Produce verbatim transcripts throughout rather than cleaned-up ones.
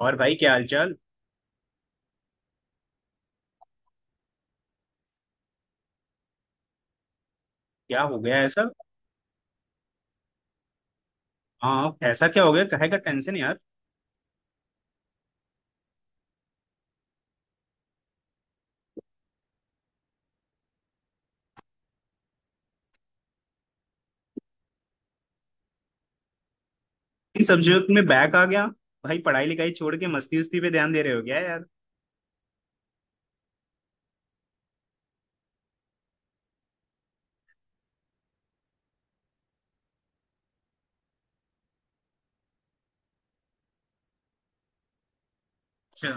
और भाई, क्या हालचाल? क्या हो गया ऐसा? हाँ, ऐसा क्या हो गया? काहे का टेंशन यार? इस सब्जेक्ट में बैक आ गया? भाई, पढ़ाई लिखाई छोड़ के मस्ती उस्ती पे ध्यान दे रहे हो क्या यार? अच्छा।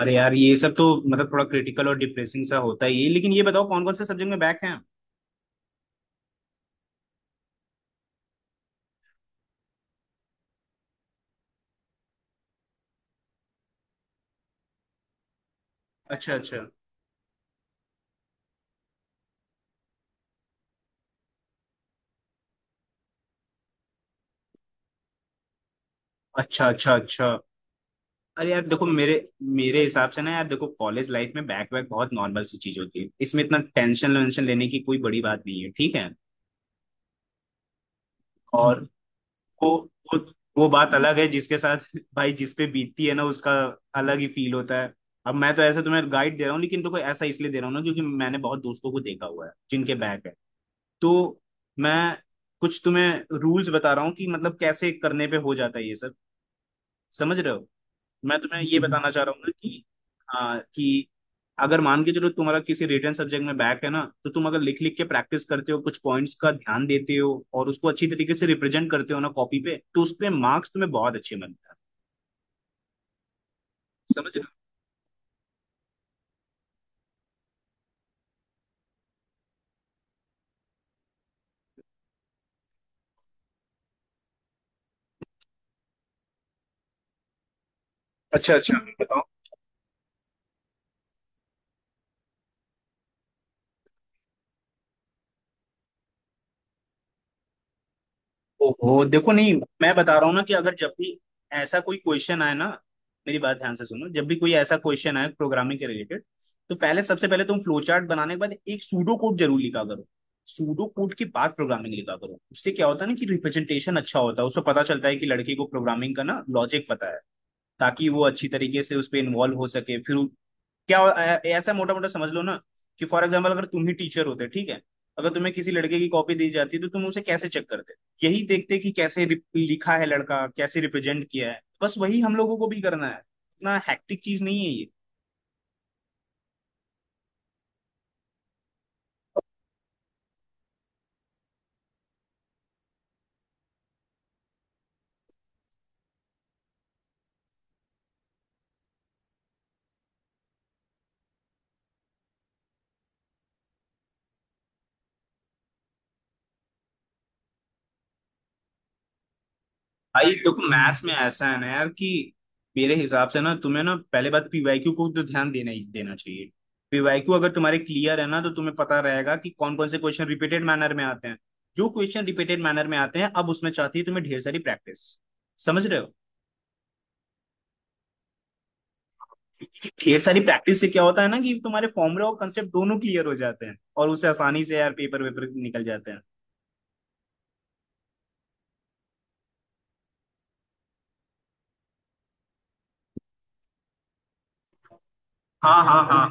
अरे यार, ये सब तो मतलब थोड़ा क्रिटिकल और डिप्रेसिंग सा होता ही है, लेकिन ये बताओ कौन कौन से सब्जेक्ट में बैक हैं? अच्छा, अच्छा, अच्छा, अच्छा, अच्छा। अरे यार देखो, मेरे मेरे हिसाब से ना यार, देखो कॉलेज लाइफ में बैक बैक बहुत नॉर्मल सी चीज होती है। इसमें इतना टेंशन वेंशन लेने की कोई बड़ी बात नहीं है, ठीक है। और वो वो वो बात अलग है, जिसके साथ भाई जिस पे बीतती है ना, उसका अलग ही फील होता है। अब मैं तो ऐसे तुम्हें गाइड दे रहा हूँ, लेकिन तो कोई ऐसा इसलिए दे रहा हूँ ना क्योंकि मैंने बहुत दोस्तों को देखा हुआ है जिनके बैक है। तो मैं कुछ तुम्हें रूल्स बता रहा हूँ कि मतलब कैसे करने पे हो जाता है ये सब। समझ रहे हो? मैं तुम्हें ये बताना चाह रहा हूँ ना, कि हाँ, कि अगर मान के चलो तुम्हारा किसी रिटर्न सब्जेक्ट में बैक है ना, तो तुम अगर लिख लिख के प्रैक्टिस करते हो, कुछ पॉइंट्स का ध्यान देते हो और उसको अच्छी तरीके से रिप्रेजेंट करते हो ना कॉपी पे, तो उस पे मार्क्स तुम्हें बहुत अच्छे मिलते हैं। समझ रहे हो? अच्छा अच्छा, बताओ। ओहो देखो, नहीं, मैं बता रहा हूँ ना कि अगर जब भी ऐसा कोई क्वेश्चन आए ना, मेरी बात ध्यान से सुनो। जब भी कोई ऐसा क्वेश्चन आए प्रोग्रामिंग के रिलेटेड, तो पहले, सबसे पहले तुम फ्लो चार्ट बनाने के बाद एक सूडो कोड जरूर लिखा करो। सूडो कोड के बाद प्रोग्रामिंग लिखा करो। उससे क्या होता है ना कि रिप्रेजेंटेशन अच्छा होता है, उससे पता चलता है कि लड़के को प्रोग्रामिंग का ना लॉजिक पता है, ताकि वो अच्छी तरीके से उस पर इन्वॉल्व हो सके। फिर क्या, ऐ- ऐसा मोटा मोटा समझ लो ना कि फॉर एग्जाम्पल, अगर तुम ही टीचर होते, ठीक है, अगर तुम्हें किसी लड़के की कॉपी दी जाती तो तुम उसे कैसे चेक करते? यही देखते कि कैसे रिप- लिखा है लड़का, कैसे रिप्रेजेंट किया है। बस वही हम लोगों को भी करना है। इतना हैक्टिक चीज नहीं है ये। भाई देखो, मैथ्स में ऐसा है ना यार, कि मेरे हिसाब से ना, तुम्हें ना पहले बात पीवाईक्यू को तो ध्यान देना ही देना चाहिए। पीवाईक्यू अगर तुम्हारे क्लियर है ना, तो तुम्हें पता रहेगा कि कौन कौन से क्वेश्चन रिपीटेड मैनर में आते हैं। जो क्वेश्चन रिपीटेड मैनर में आते हैं, अब उसमें चाहती है तुम्हें ढेर सारी प्रैक्टिस। समझ रहे हो? ढेर सारी प्रैक्टिस से क्या होता है ना कि तुम्हारे फॉर्मूला और कंसेप्ट दोनों क्लियर हो जाते हैं, और उससे आसानी से यार पेपर वेपर निकल जाते हैं। हाँ हाँ हाँ।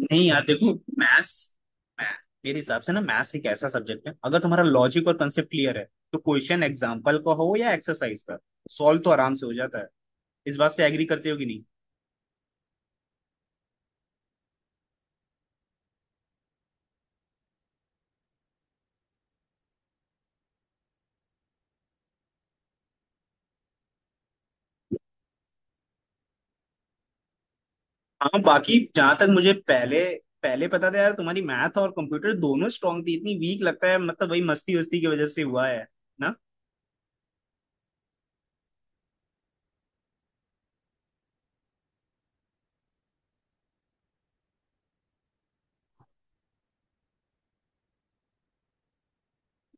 नहीं यार, देखो मैथ्स, मेरे हिसाब से ना मैथ्स एक ऐसा सब्जेक्ट है, अगर तुम्हारा लॉजिक और कंसेप्ट क्लियर है, तो क्वेश्चन एग्जाम्पल का हो या एक्सरसाइज का, सॉल्व तो आराम से हो जाता है। इस बात से एग्री करते हो कि नहीं? हाँ, बाकी जहां तक मुझे पहले, पहले पता था यार, तुम्हारी मैथ और कंप्यूटर दोनों स्ट्रांग थी, इतनी वीक लगता है, मतलब वही मस्ती वस्ती की वजह से हुआ है ना।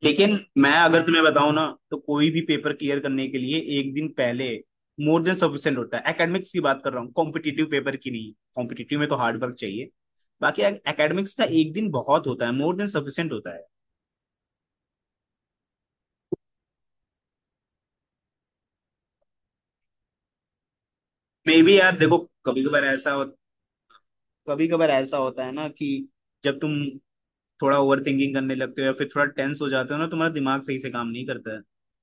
लेकिन मैं अगर तुम्हें बताऊं ना, तो कोई भी पेपर क्लियर करने के लिए एक दिन पहले मोर देन सफिशिएंट होता है। एकेडमिक्स की बात कर रहा हूँ, कॉम्पिटिटिव पेपर की नहीं। कॉम्पिटिटिव में तो हार्ड वर्क चाहिए, बाकी एकेडमिक्स का एक दिन बहुत होता है, मोर देन सफिशिएंट होता है। मे बी यार, देखो कभी कभार ऐसा हो, कभी कभार ऐसा होता है ना कि जब तुम थोड़ा ओवर थिंकिंग करने लगते हो या फिर थोड़ा टेंस हो जाते हो ना, तुम्हारा दिमाग सही से काम नहीं करता है,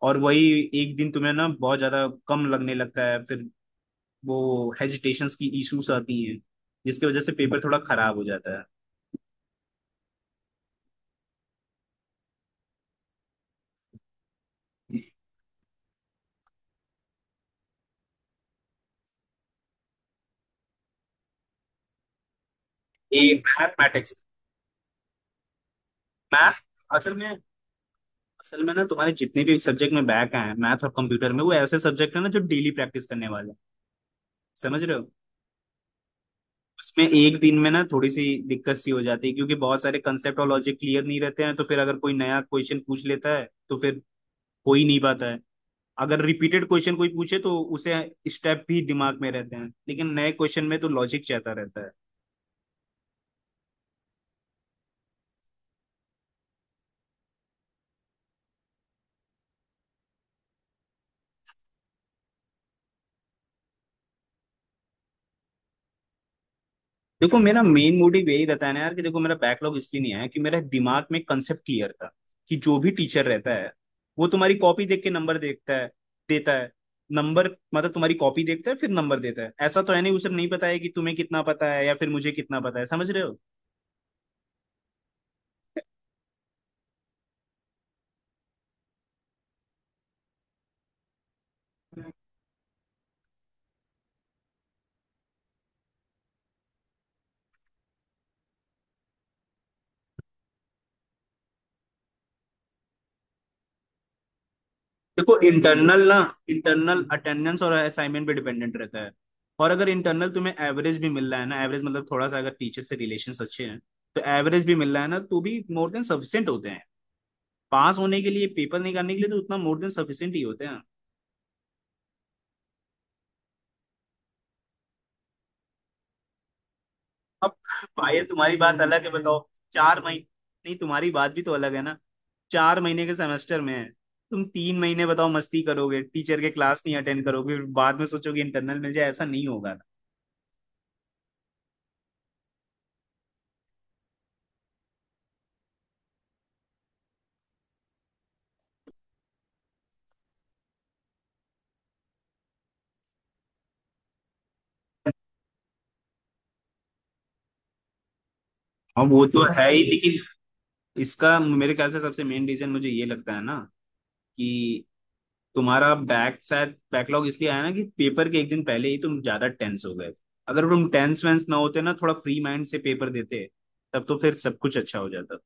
और वही एक दिन तुम्हें ना बहुत ज्यादा कम लगने लगता है। फिर वो हेजिटेशंस की इश्यूज आती हैं, जिसकी वजह से पेपर थोड़ा खराब हो जाता है। ये मैथमेटिक्स मैथ, असल में असल में ना तुम्हारे जितने भी सब्जेक्ट में बैक हैं, मैथ और कंप्यूटर में, वो ऐसे सब्जेक्ट है ना जो डेली प्रैक्टिस करने वाले हैं। समझ रहे हो? उसमें एक दिन में ना थोड़ी सी दिक्कत सी हो जाती है, क्योंकि बहुत सारे कंसेप्ट और लॉजिक क्लियर नहीं रहते हैं, तो फिर अगर कोई नया क्वेश्चन पूछ लेता है तो फिर हो ही नहीं पाता है। अगर रिपीटेड क्वेश्चन कोई पूछे, तो उसे स्टेप भी दिमाग में रहते हैं, लेकिन नए क्वेश्चन में तो लॉजिक चाहता रहता है। देखो, मेरा मेन मोटिव यही रहता है ना यार, कि देखो मेरा बैकलॉग इसलिए नहीं आया कि मेरे दिमाग में कंसेप्ट क्लियर था, कि जो भी टीचर रहता है, वो तुम्हारी कॉपी देख के नंबर देखता है, देता है नंबर। मतलब तुम्हारी कॉपी देखता है फिर नंबर देता है, ऐसा तो है नहीं। उसे नहीं पता है कि तुम्हें कितना पता है या फिर मुझे कितना पता है। समझ रहे हो? देखो इंटरनल ना, इंटरनल अटेंडेंस और असाइनमेंट पे डिपेंडेंट रहता है, और अगर इंटरनल तुम्हें एवरेज भी मिल रहा है ना, एवरेज मतलब थोड़ा सा अगर टीचर से रिलेशन अच्छे हैं, तो एवरेज भी मिल रहा है ना, तो भी मोर देन सफिशियंट होते हैं। पास होने के लिए, पेपर निकालने के लिए तो उतना मोर देन सफिशिएंट ही होते हैं। अब भाई, हम्म तुम्हारी बात अलग है, बताओ। चार महीने, नहीं तुम्हारी बात भी तो अलग है ना। चार महीने के सेमेस्टर में है, तुम तीन महीने बताओ मस्ती करोगे, टीचर के क्लास नहीं अटेंड करोगे, फिर बाद में सोचोगे इंटरनल मिल जाए, ऐसा नहीं होगा। अब वो तो है ही, लेकिन इसका मेरे ख्याल से सबसे मेन रीजन मुझे ये लगता है ना कि तुम्हारा बैक शायद बैकलॉग इसलिए आया ना कि पेपर के एक दिन पहले ही तुम ज्यादा टेंस हो गए थे। अगर तुम टेंस वेंस ना होते ना, थोड़ा फ्री माइंड से पेपर देते, तब तो फिर सब कुछ अच्छा हो जाता।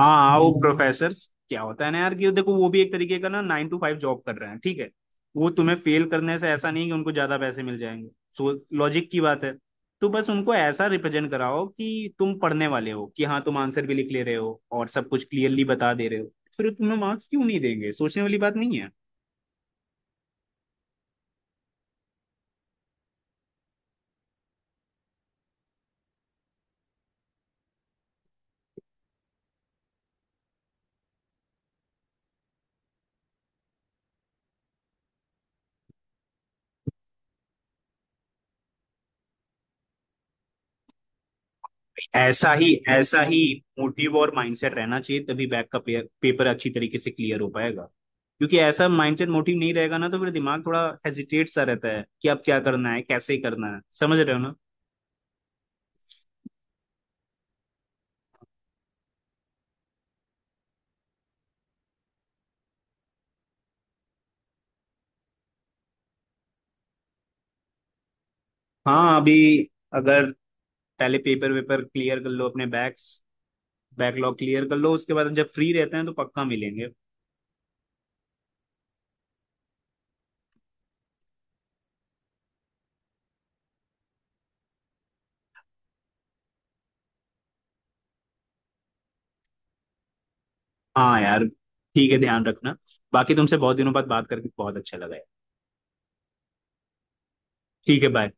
हाँ हाँ, वो हम्म प्रोफेसर्स क्या होता है ना यार, कि देखो वो भी एक तरीके का ना नाइन टू फाइव जॉब कर रहे हैं, ठीक है। वो तुम्हें फेल करने से ऐसा नहीं कि उनको ज्यादा पैसे मिल जाएंगे। सो लॉजिक की बात है। तो बस उनको ऐसा रिप्रेजेंट कराओ कि तुम पढ़ने वाले हो, कि हाँ तुम आंसर भी लिख ले रहे हो और सब कुछ क्लियरली बता दे रहे हो, फिर तुम्हें मार्क्स क्यों नहीं देंगे? सोचने वाली बात नहीं है। ऐसा ही, ऐसा ही मोटिव और माइंडसेट रहना चाहिए, तभी बैक का पे, पेपर अच्छी तरीके से क्लियर हो पाएगा। क्योंकि ऐसा माइंडसेट मोटिव नहीं रहेगा ना, तो फिर दिमाग थोड़ा हेजिटेट सा रहता है कि अब क्या करना है, कैसे करना है। समझ रहे हो ना? हाँ अभी, अगर पहले पेपर वेपर क्लियर कर लो, अपने बैक्स बैकलॉग क्लियर कर लो, उसके बाद जब फ्री रहते हैं तो पक्का मिलेंगे। हाँ यार, ठीक है ध्यान रखना। बाकी तुमसे बहुत दिनों बाद बात करके बहुत अच्छा लगा यार। ठीक है, बाय।